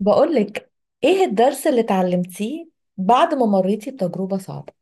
بقولك، ايه الدرس اللي اتعلمتيه بعد ما مريتي بتجربة صعبة؟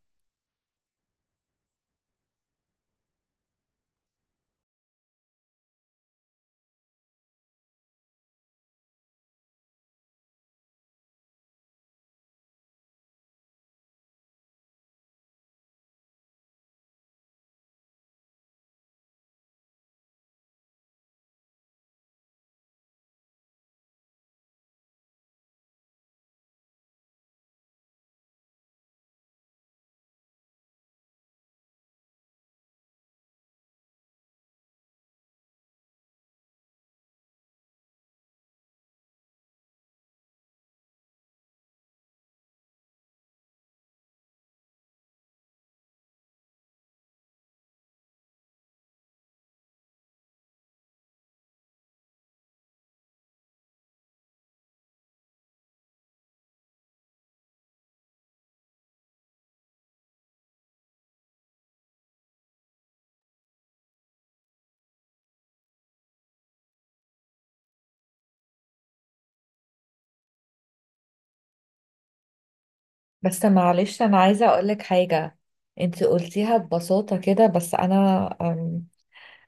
بس معلش، انا عايزة اقولك حاجة. انت قلتيها ببساطة كده، بس انا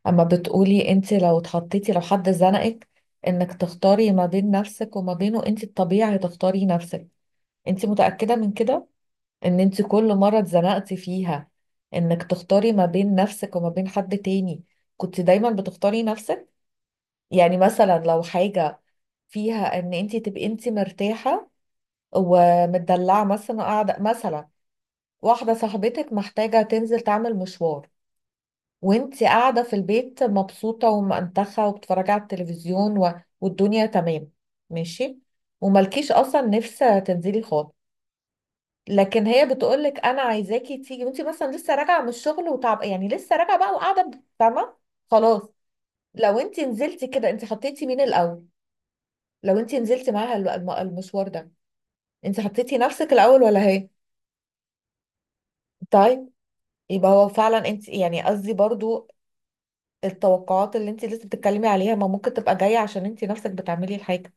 اما بتقولي انت، لو حد زنقك انك تختاري ما بين نفسك وما بينه، انت الطبيعي تختاري نفسك. انت متأكدة من كده؟ ان انت كل مرة اتزنقتي فيها انك تختاري ما بين نفسك وما بين حد تاني كنت دايما بتختاري نفسك؟ يعني مثلا لو حاجة فيها ان انت تبقي انت مرتاحة ومتدلعة، مثلا قاعدة، مثلا واحدة صاحبتك محتاجة تنزل تعمل مشوار، وانت قاعدة في البيت مبسوطة ومنتخة وبتتفرجي على التلفزيون والدنيا تمام، ماشي، وملكيش اصلا نفس تنزلي خالص. لكن هي بتقولك انا عايزاكي تيجي، وانت مثلا لسه راجعه من الشغل وتعب، يعني لسه راجعه بقى وقاعده، فاهمه؟ خلاص. لو انت نزلتي كده، انت حطيتي مين الاول؟ لو انت نزلتي معاها المشوار ده، انت حطيتي نفسك الاول ولا هي؟ طيب. يبقى هو فعلا انت، يعني قصدي برضو، التوقعات اللي انت لسه بتتكلمي عليها ما ممكن تبقى جاية عشان انت نفسك بتعملي الحاجة؟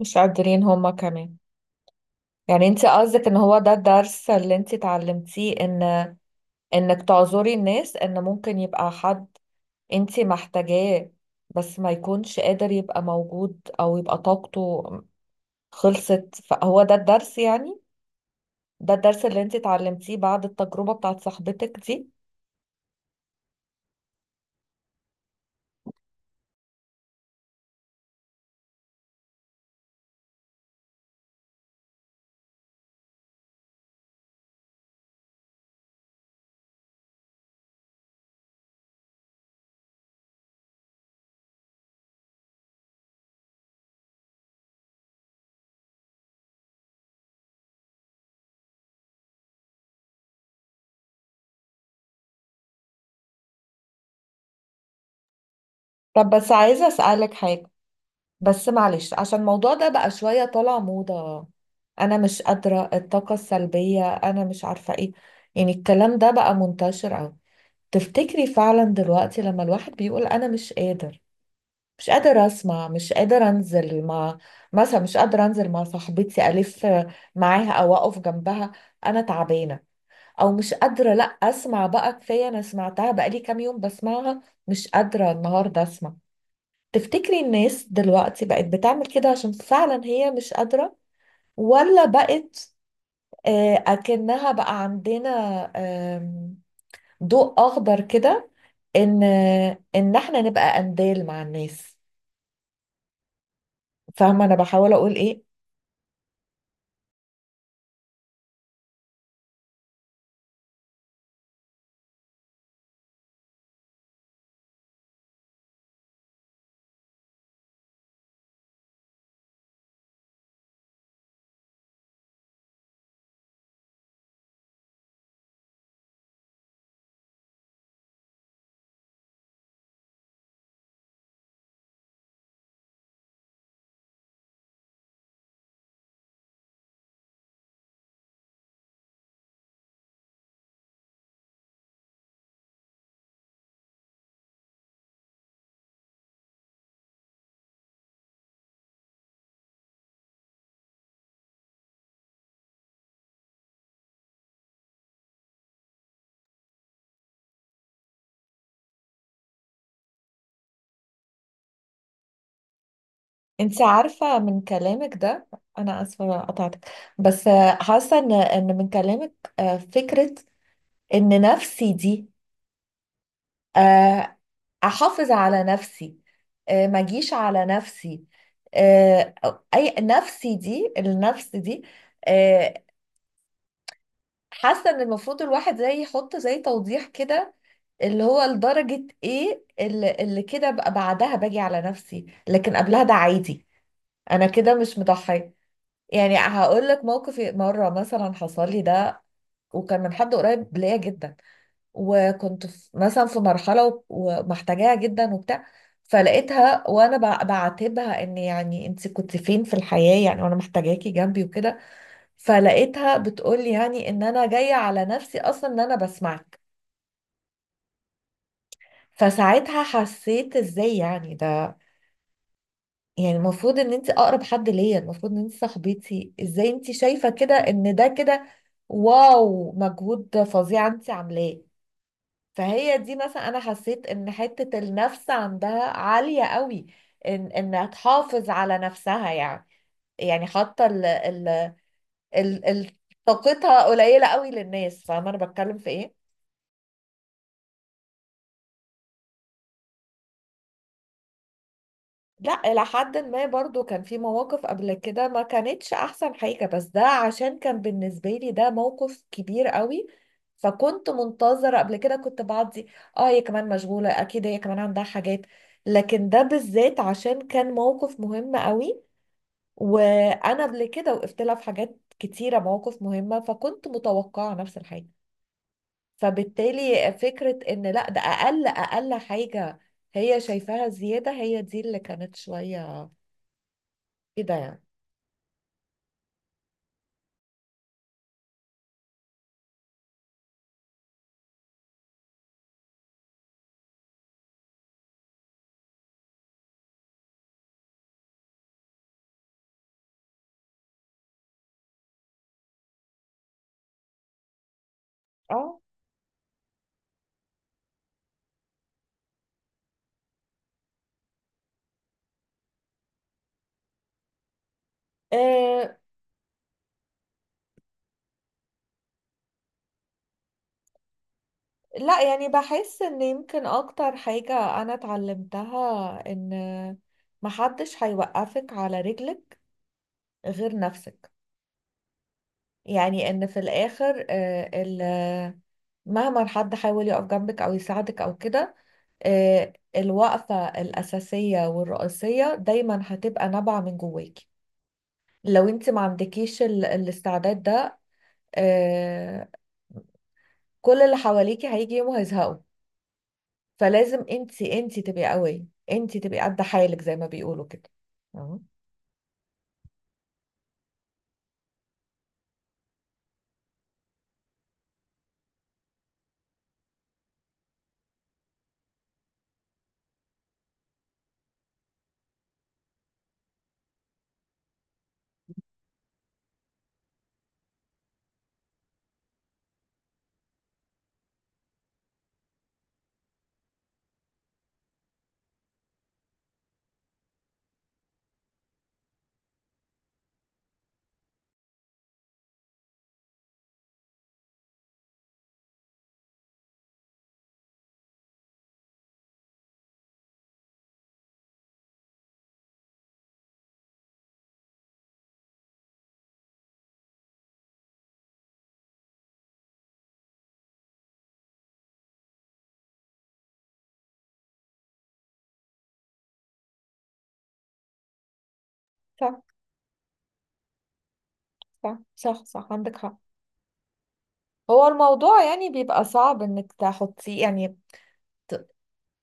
مش قادرين هما كمان. يعني انت قصدك ان هو ده الدرس اللي انت اتعلمتيه، ان انك تعذري الناس، ان ممكن يبقى حد انت محتاجاه بس ما يكونش قادر يبقى موجود او يبقى طاقته خلصت، فهو ده الدرس يعني؟ ده الدرس اللي انت اتعلمتيه بعد التجربة بتاعت صاحبتك دي؟ طب بس عايزة اسألك حاجة. بس معلش، عشان الموضوع ده بقى شوية طالع موضة، انا مش قادرة، الطاقة السلبية، انا مش عارفة ايه، يعني الكلام ده بقى منتشر اوي. تفتكري فعلا دلوقتي لما الواحد بيقول انا مش قادر، مش قادر اسمع، مش قادر انزل مع، مثلا مش قادر انزل مع صاحبتي الف معاها او اقف جنبها، انا تعبانة، او مش قادره لا اسمع بقى، كفايه انا سمعتها بقالي كام يوم بسمعها، مش قادره النهارده اسمع، تفتكري الناس دلوقتي بقت بتعمل كده عشان فعلا هي مش قادره، ولا بقت اكنها بقى عندنا آم، ضوء اخضر كده ان ان احنا نبقى قنديل مع الناس؟ فاهمه انا بحاول اقول ايه؟ انت عارفه من كلامك ده، انا اسفه قطعتك، بس حاسه ان من كلامك فكره ان نفسي دي، آه، احافظ على نفسي، ما اجيش على نفسي، اي نفسي دي، النفس دي، آه، حاسه ان المفروض الواحد زي يحط زي توضيح كده، اللي هو لدرجه ايه اللي كده بقى بعدها باجي على نفسي، لكن قبلها ده عادي، انا كده مش مضحيه. يعني هقول لك موقف مره مثلا حصل لي ده، وكان من حد قريب ليا جدا، وكنت في مرحلة ومحتاجاها جدا وبتاع، فلقيتها وانا بعاتبها، ان يعني انت كنت فين في الحياة يعني، وانا محتاجاكي جنبي وكده، فلقيتها بتقولي يعني ان انا جاية على نفسي اصلا ان انا بسمعك. فساعتها حسيت ازاي يعني ده، يعني المفروض ان انت اقرب حد ليا، المفروض ان انت صاحبتي، ازاي انت شايفة كده ان ده كده؟ واو، مجهود فظيع انت عاملاه! فهي دي مثلا، انا حسيت ان حتة النفس عندها عالية قوي، ان انها تحافظ على نفسها يعني، يعني حاطة ال ال ال ال طاقتها قليلة قوي للناس. فاهمة انا بتكلم في ايه؟ لا، الى حد ما برضو كان في مواقف قبل كده ما كانتش احسن حاجة، بس ده عشان كان بالنسبة لي ده موقف كبير قوي. فكنت منتظرة. قبل كده كنت بعدي، اه هي كمان مشغولة، اكيد هي كمان عندها حاجات، لكن ده بالذات عشان كان موقف مهم قوي، وانا قبل كده وقفت لها في حاجات كتيره، مواقف مهمه، فكنت متوقعه نفس الحاجه. فبالتالي فكره ان لا، ده اقل اقل حاجه هي شايفاها زياده، هي دي اللي كانت شويه كده يعني. اه آه، لا يعني بحس ان يمكن اكتر حاجه انا اتعلمتها، ان محدش هيوقفك على رجلك غير نفسك. يعني ان في الاخر، مهما حد حاول يقف جنبك او يساعدك او كده، الوقفة الأساسية والرئيسية دايما هتبقى نابعة من جواكي. لو انت ما عندكيش الاستعداد ده، آه، كل اللي حواليكي هيجي يوم وهيزهقوا. فلازم انت تبقي قوية، انت تبقي قد حالك زي ما بيقولوا كده. أهو. صح، صح، صح، صح، عندك حق. هو الموضوع يعني بيبقى صعب انك تحطيه يعني، ت-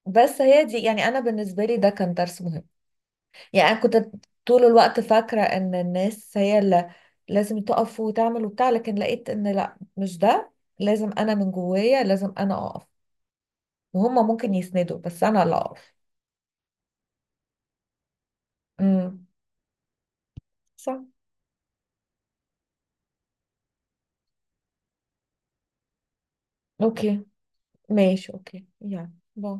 بس هي دي، يعني انا بالنسبة لي ده كان درس مهم. يعني انا كنت طول الوقت فاكرة ان الناس هي اللي لازم تقف وتعمل وبتاع، لكن لقيت ان لا، مش ده، لازم انا من جوايا، لازم انا اقف، وهم ممكن يسندوا بس انا اللي اقف. امم. صح. اوكي، ماشي، اوكي، يلا باي.